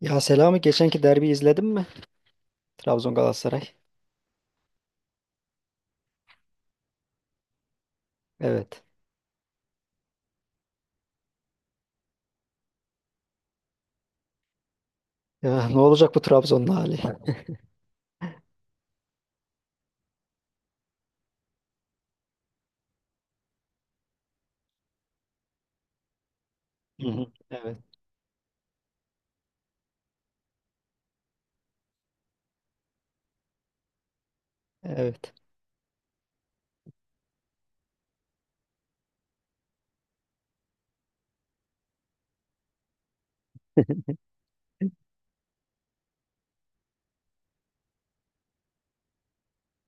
Ya Selami geçenki derbi izledin mi? Trabzon Galatasaray. Evet. Ya ne olacak bu Trabzon'un hali? Hı hı. Evet. Evet.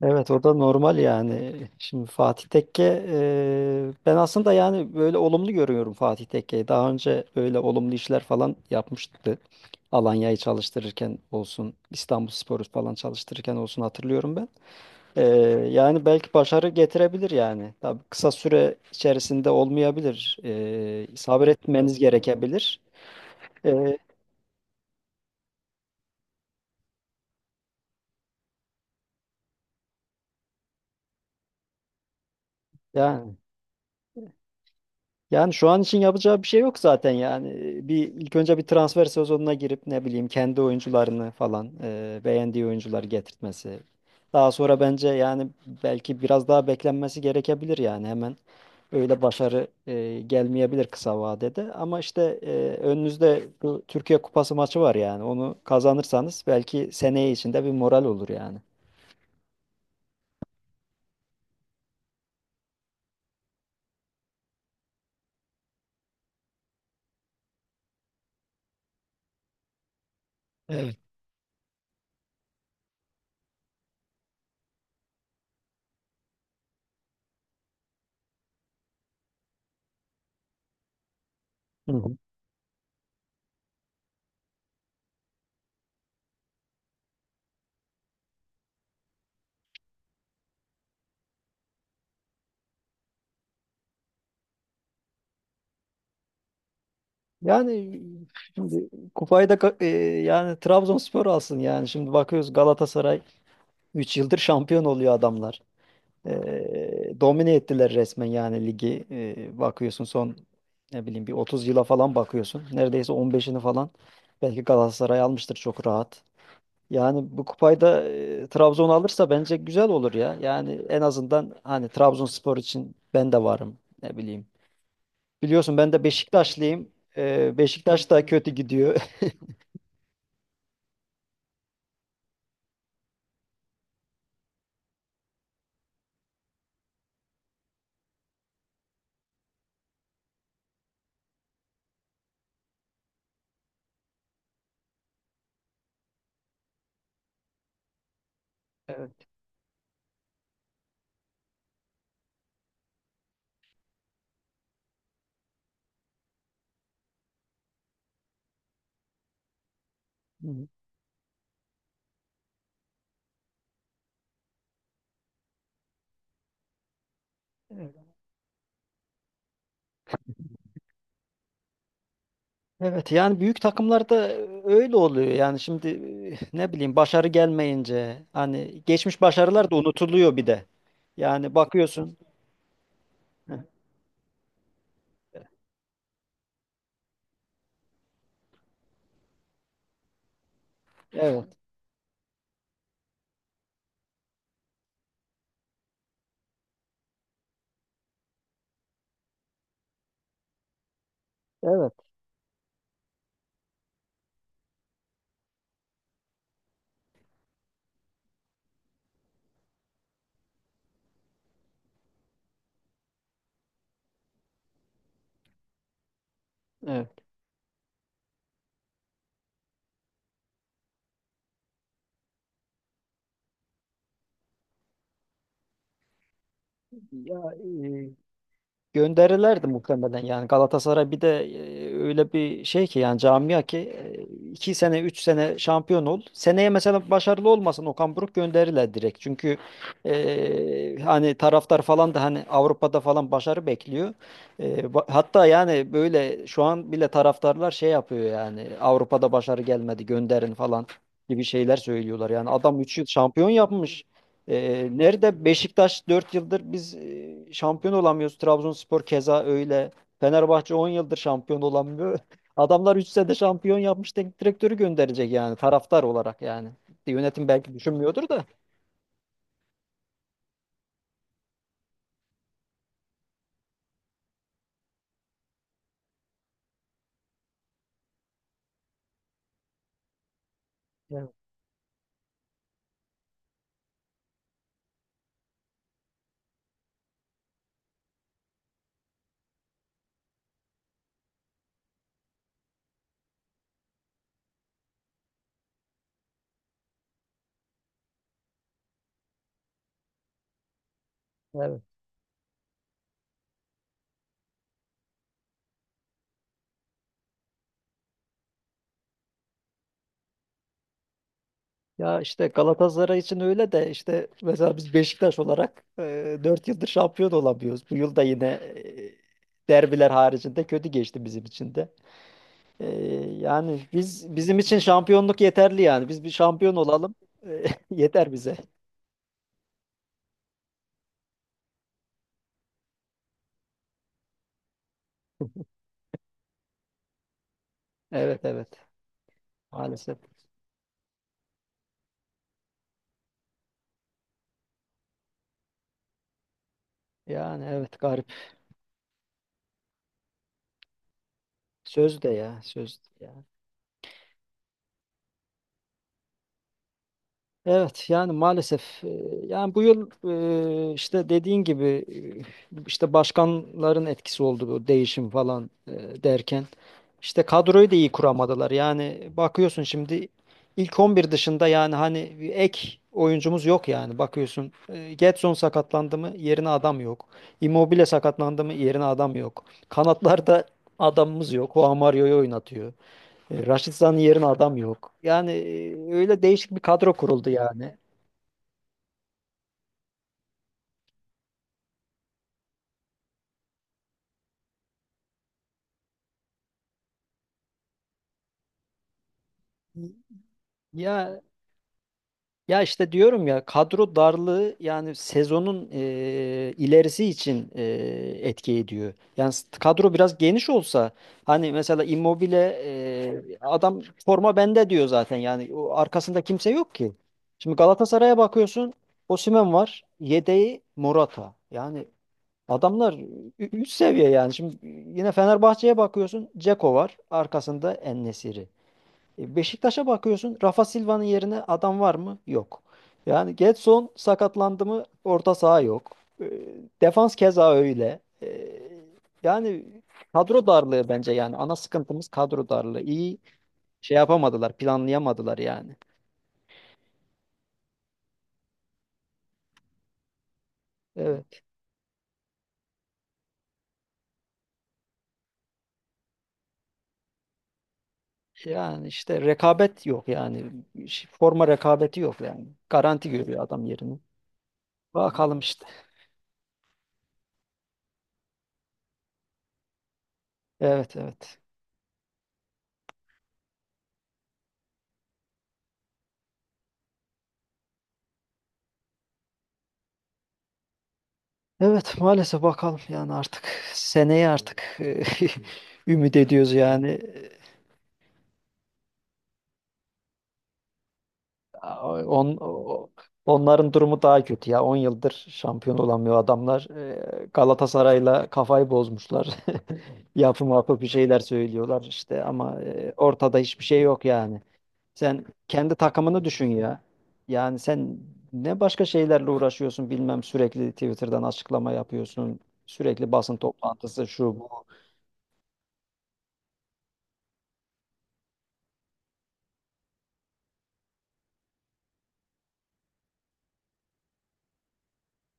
Evet o da normal yani. Şimdi Fatih Tekke ben aslında yani böyle olumlu görüyorum Fatih Tekke'yi. Daha önce böyle olumlu işler falan yapmıştı. Alanya'yı çalıştırırken olsun, İstanbulspor'u falan çalıştırırken olsun hatırlıyorum ben. Ee, yani belki başarı getirebilir yani. Tabii kısa süre içerisinde olmayabilir. Sabretmeniz gerekebilir. Ee, yani. Yani şu an için yapacağı bir şey yok zaten yani. Bir ilk önce bir transfer sezonuna girip ne bileyim kendi oyuncularını falan beğendiği oyuncular getirtmesi. Daha sonra bence yani belki biraz daha beklenmesi gerekebilir yani hemen öyle başarı gelmeyebilir kısa vadede. Ama işte önünüzde bu Türkiye Kupası maçı var yani onu kazanırsanız belki seneye içinde bir moral olur yani. Evet. Hı hı. Yani şimdi kupayı da yani Trabzonspor alsın yani. Şimdi bakıyoruz Galatasaray 3 yıldır şampiyon oluyor adamlar. Domine ettiler resmen yani ligi. Bakıyorsun son ne bileyim bir 30 yıla falan bakıyorsun. Neredeyse 15'ini falan belki Galatasaray almıştır çok rahat. Yani bu kupayı da Trabzon alırsa bence güzel olur ya. Yani en azından hani Trabzonspor için ben de varım ne bileyim. Biliyorsun ben de Beşiktaşlıyım. Beşiktaş da kötü gidiyor. Evet. Hı hı. Evet yani büyük takımlarda öyle oluyor yani şimdi ne bileyim başarı gelmeyince hani geçmiş başarılar da unutuluyor bir de. Yani bakıyorsun. Heh. Evet. Evet. Evet. Ya, gönderirlerdi muhtemelen yani Galatasaray bir de öyle bir şey ki yani camia ki iki sene üç sene şampiyon ol. Seneye mesela başarılı olmasın Okan Buruk gönderirler direkt. Çünkü hani taraftar falan da hani Avrupa'da falan başarı bekliyor. Hatta yani böyle şu an bile taraftarlar şey yapıyor yani Avrupa'da başarı gelmedi gönderin falan gibi şeyler söylüyorlar. Yani adam üç yıl şampiyon yapmış. Nerede Beşiktaş 4 yıldır biz şampiyon olamıyoruz. Trabzonspor keza öyle. Fenerbahçe 10 yıldır şampiyon olamıyor. Adamlar 3 senede şampiyon yapmış teknik direktörü gönderecek yani taraftar olarak yani. Yönetim belki düşünmüyordur da. Evet, evet. Ya işte Galatasaray için öyle de işte mesela biz Beşiktaş olarak 4 yıldır şampiyon olamıyoruz. Bu yıl da yine derbiler haricinde kötü geçti bizim için de. Ee, yani biz bizim için şampiyonluk yeterli yani. Biz bir şampiyon olalım. Ee, yeter bize. Evet evet. Maalesef. Yani evet garip. Söz de ya söz. Evet yani maalesef yani bu yıl işte dediğin gibi işte başkanların etkisi oldu bu değişim falan derken işte kadroyu da iyi kuramadılar. Yani bakıyorsun şimdi ilk 11 dışında yani hani bir ek oyuncumuz yok yani bakıyorsun. Gedson sakatlandı mı yerine adam yok. Immobile sakatlandı mı yerine adam yok. Kanatlarda adamımız yok. O Mario'yu oynatıyor. Raşit Zan'ın yerine adam yok. Yani öyle değişik bir kadro kuruldu yani. Ya ya işte diyorum ya kadro darlığı yani sezonun ilerisi için etki ediyor. Kadro biraz geniş olsa hani mesela Immobile adam forma bende diyor zaten yani o arkasında kimse yok ki. Şimdi Galatasaray'a bakıyorsun Osimhen var yedeği Morata. Yani adamlar 3 seviye yani. Şimdi yine Fenerbahçe'ye bakıyorsun. Ceko var. Arkasında En-Nesyri. Beşiktaş'a bakıyorsun. Rafa Silva'nın yerine adam var mı? Yok. Yani Gedson sakatlandı mı? Orta saha yok. Defans keza öyle. Yani kadro darlığı bence yani. Ana sıkıntımız kadro darlığı. İyi şey yapamadılar, planlayamadılar yani. Evet. Yani işte rekabet yok yani. Forma rekabeti yok yani. Garanti görüyor adam yerini. Bakalım işte. Evet evet. Evet maalesef bakalım yani artık seneye artık ümit ediyoruz yani. On, o- onların durumu daha kötü ya. On yıldır şampiyon olamıyor adamlar. Galatasaray'la kafayı bozmuşlar. Yapı mapı bir şeyler söylüyorlar işte ama ortada hiçbir şey yok yani. Sen kendi takımını düşün ya. Yani sen ne başka şeylerle uğraşıyorsun bilmem sürekli Twitter'dan açıklama yapıyorsun. Sürekli basın toplantısı şu bu.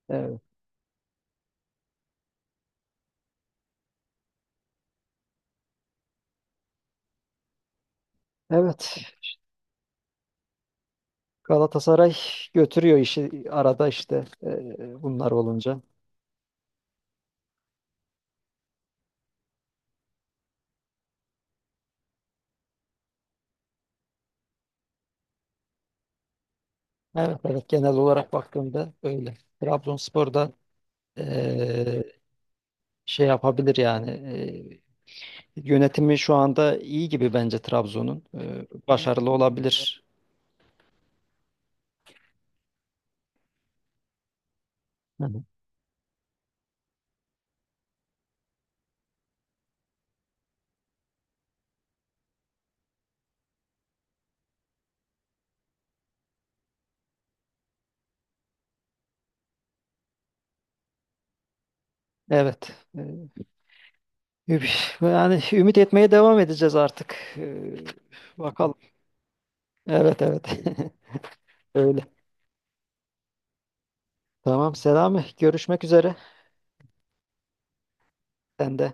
Evet. Evet. Galatasaray götürüyor işi arada işte bunlar olunca. Evet, evet genel olarak baktığımda öyle. Trabzonspor'da eee, şey yapabilir yani yönetimi şu anda iyi gibi bence Trabzon'un. Evet. Başarılı olabilir. Hı hı. Evet. Yani ümit etmeye devam edeceğiz artık. Bakalım. Evet evet. Öyle. Tamam Selami görüşmek üzere. Sen de.